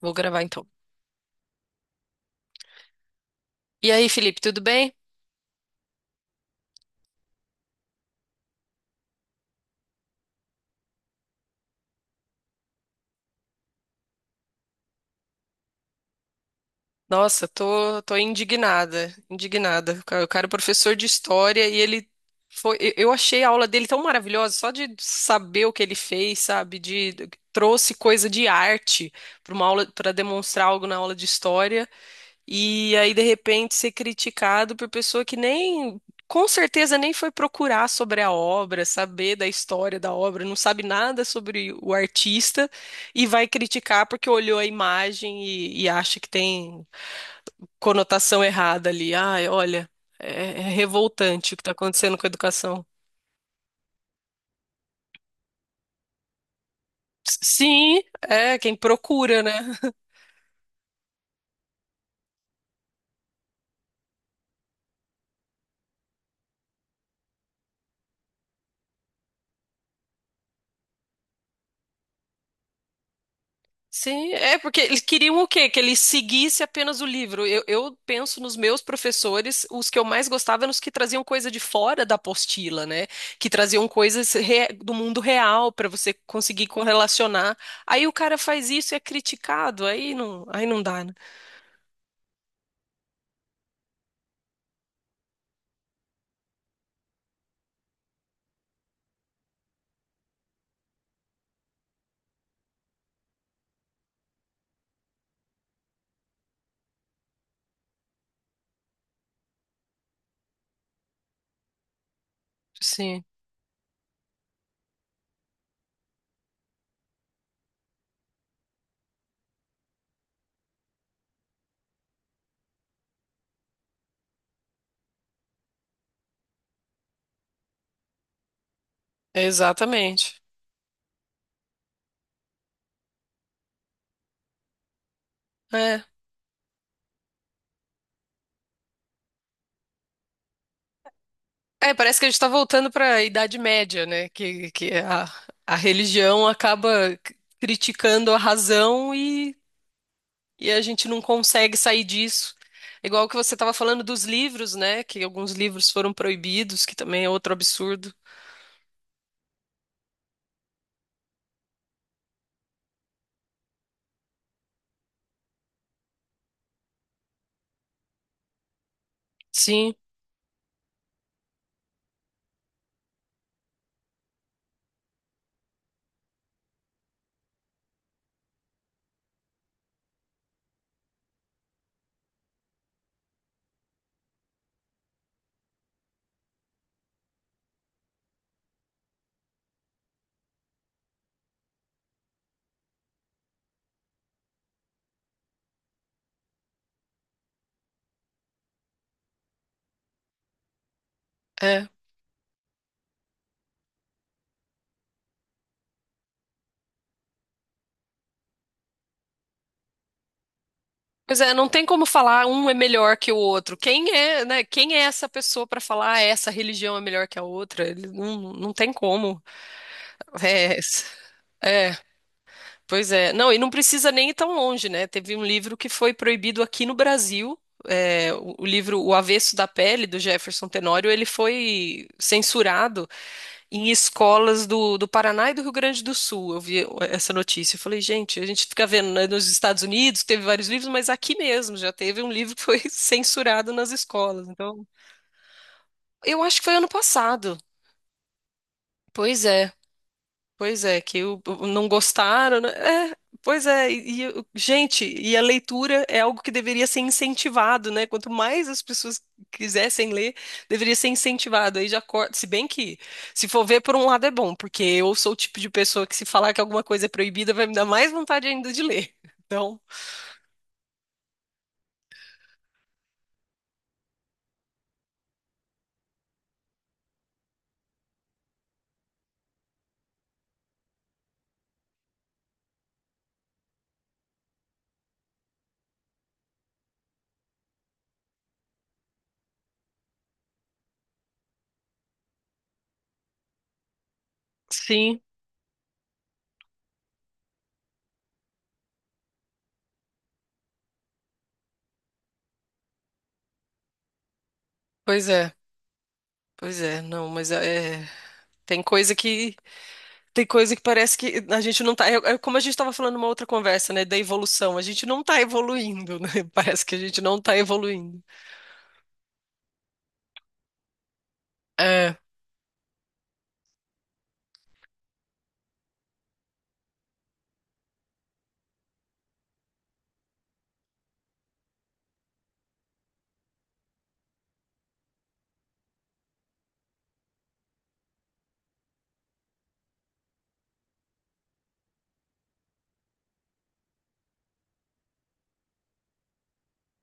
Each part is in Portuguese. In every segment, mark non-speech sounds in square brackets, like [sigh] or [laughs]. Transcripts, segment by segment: Vou gravar então. E aí, Felipe, tudo bem? Nossa, tô indignada, indignada. O cara é professor de história e ele foi. Eu achei a aula dele tão maravilhosa, só de saber o que ele fez, sabe? De trouxe coisa de arte para uma aula, para demonstrar algo na aula de história. E aí, de repente, ser criticado por pessoa que nem, com certeza, nem foi procurar sobre a obra, saber da história da obra, não sabe nada sobre o artista e vai criticar porque olhou a imagem e acha que tem conotação errada ali. Ai, olha, é revoltante o que está acontecendo com a educação. Sim, é quem procura, né? Sim, é porque eles queriam o quê? Que ele seguisse apenas o livro. Eu penso nos meus professores, os que eu mais gostava eram os que traziam coisa de fora da apostila, né? Que traziam coisas do mundo real para você conseguir correlacionar. Aí o cara faz isso e é criticado, aí não dá, né? Sim, exatamente. É. É, parece que a gente está voltando para a Idade Média, né? Que a religião acaba criticando a razão e a gente não consegue sair disso. Igual que você estava falando dos livros, né? Que alguns livros foram proibidos, que também é outro absurdo. Sim, é. Pois é, não tem como falar um é melhor que o outro. Quem é, né? Quem é essa pessoa para falar "Ah, essa religião é melhor que a outra? Ele não, não tem como. É, é, pois é. Não, e não precisa nem ir tão longe, né? Teve um livro que foi proibido aqui no Brasil. É, o livro O Avesso da Pele, do Jefferson Tenório, ele foi censurado em escolas do Paraná e do Rio Grande do Sul. Eu vi essa notícia. Eu falei, gente, a gente fica vendo, né, nos Estados Unidos teve vários livros, mas aqui mesmo já teve um livro que foi [laughs] censurado nas escolas. Então, eu acho que foi ano passado. Pois é. Pois é, que não gostaram, né? É, pois é, gente, e a leitura é algo que deveria ser incentivado, né? Quanto mais as pessoas quisessem ler, deveria ser incentivado. Aí já corta, se bem que, se for ver por um lado é bom, porque eu sou o tipo de pessoa que se falar que alguma coisa é proibida, vai me dar mais vontade ainda de ler. [laughs] Então, sim, pois é, pois é, não, mas é, tem coisa que Tem coisa que parece que a gente não tá. É é como a gente estava falando numa outra conversa, né? Da evolução. A gente não tá evoluindo, né? [laughs] Parece que a gente não tá evoluindo. É.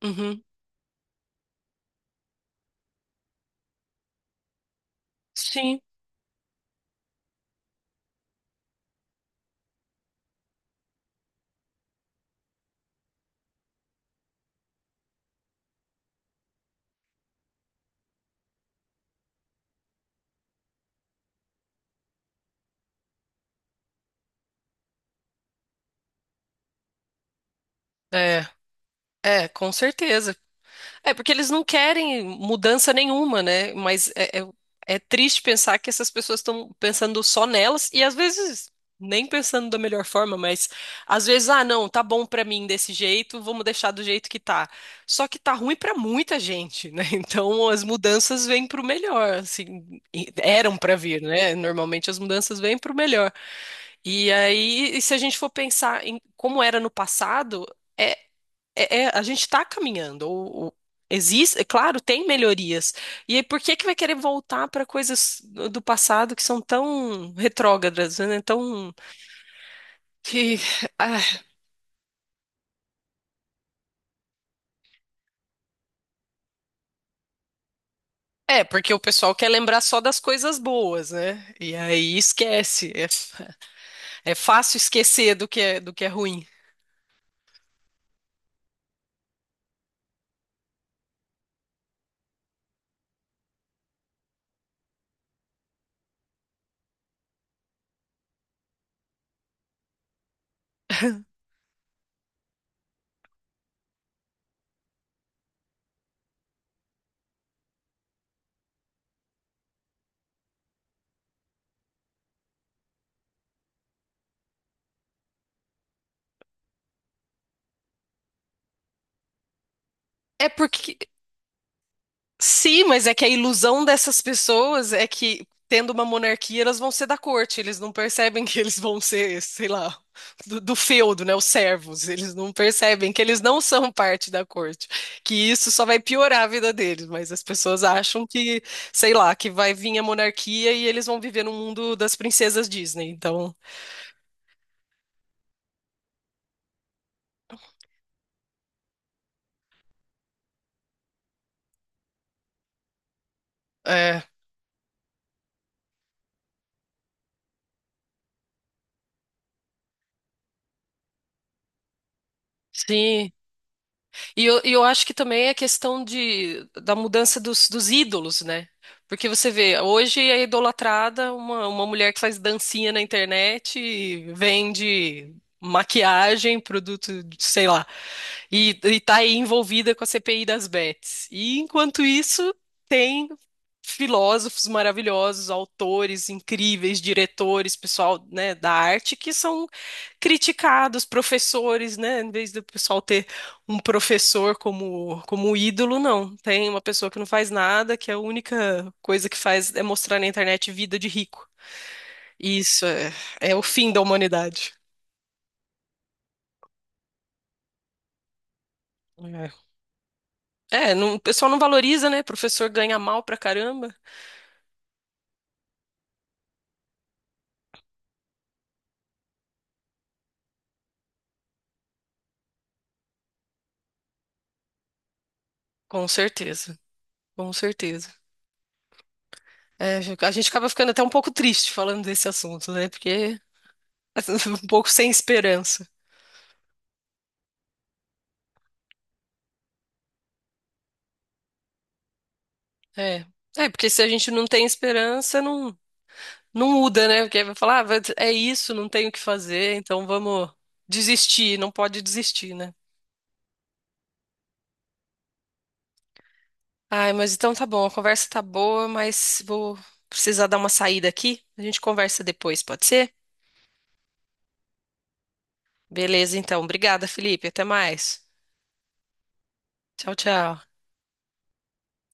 Uhum. Sim. É. É, com certeza. É porque eles não querem mudança nenhuma, né? Mas é triste pensar que essas pessoas estão pensando só nelas e às vezes nem pensando da melhor forma, mas às vezes, ah, não, tá bom pra mim desse jeito, vamos deixar do jeito que tá. Só que tá ruim pra muita gente, né? [laughs] Então as mudanças vêm pro melhor, assim, e eram pra vir, né? Normalmente as mudanças vêm pro melhor. E aí, e se a gente for pensar em como era no passado, é, é, a gente está caminhando. Existe, é claro, tem melhorias. E aí, por que que vai querer voltar para coisas do passado que são tão retrógradas, né? Tão que ah, é porque o pessoal quer lembrar só das coisas boas, né? E aí esquece. É fácil esquecer do que é ruim. É porque Sim, mas é que a ilusão dessas pessoas é que, tendo uma monarquia, elas vão ser da corte. Eles não percebem que eles vão ser, sei lá, do feudo, né? Os servos. Eles não percebem que eles não são parte da corte. Que isso só vai piorar a vida deles. Mas as pessoas acham que, sei lá, que vai vir a monarquia e eles vão viver no mundo das princesas Disney. Então, é. Sim, E eu acho que também é questão de, da mudança dos ídolos, né? Porque você vê, hoje é idolatrada uma mulher que faz dancinha na internet e vende maquiagem, produto, de- sei lá, e tá aí envolvida com a CPI das bets. E enquanto isso, tem filósofos maravilhosos, autores incríveis, diretores, pessoal, né, da arte que são criticados, professores, né, em vez do pessoal ter um professor como ídolo, não. Tem uma pessoa que não faz nada, que é a única coisa que faz é mostrar na internet vida de rico. E isso é, é o fim da humanidade. É, é, o pessoal não valoriza, né? Professor ganha mal pra caramba. Com certeza, com certeza. É, a gente acaba ficando até um pouco triste falando desse assunto, né? Porque [laughs] um pouco sem esperança. É, é porque se a gente não tem esperança, não. Não muda, né? Porque aí vai falar, ah, é isso, não tenho o que fazer, então vamos desistir, não pode desistir, né? Ai, mas então tá bom, a conversa tá boa, mas vou precisar dar uma saída aqui. A gente conversa depois, pode ser? Beleza, então. Obrigada, Felipe. Até mais. Tchau, tchau.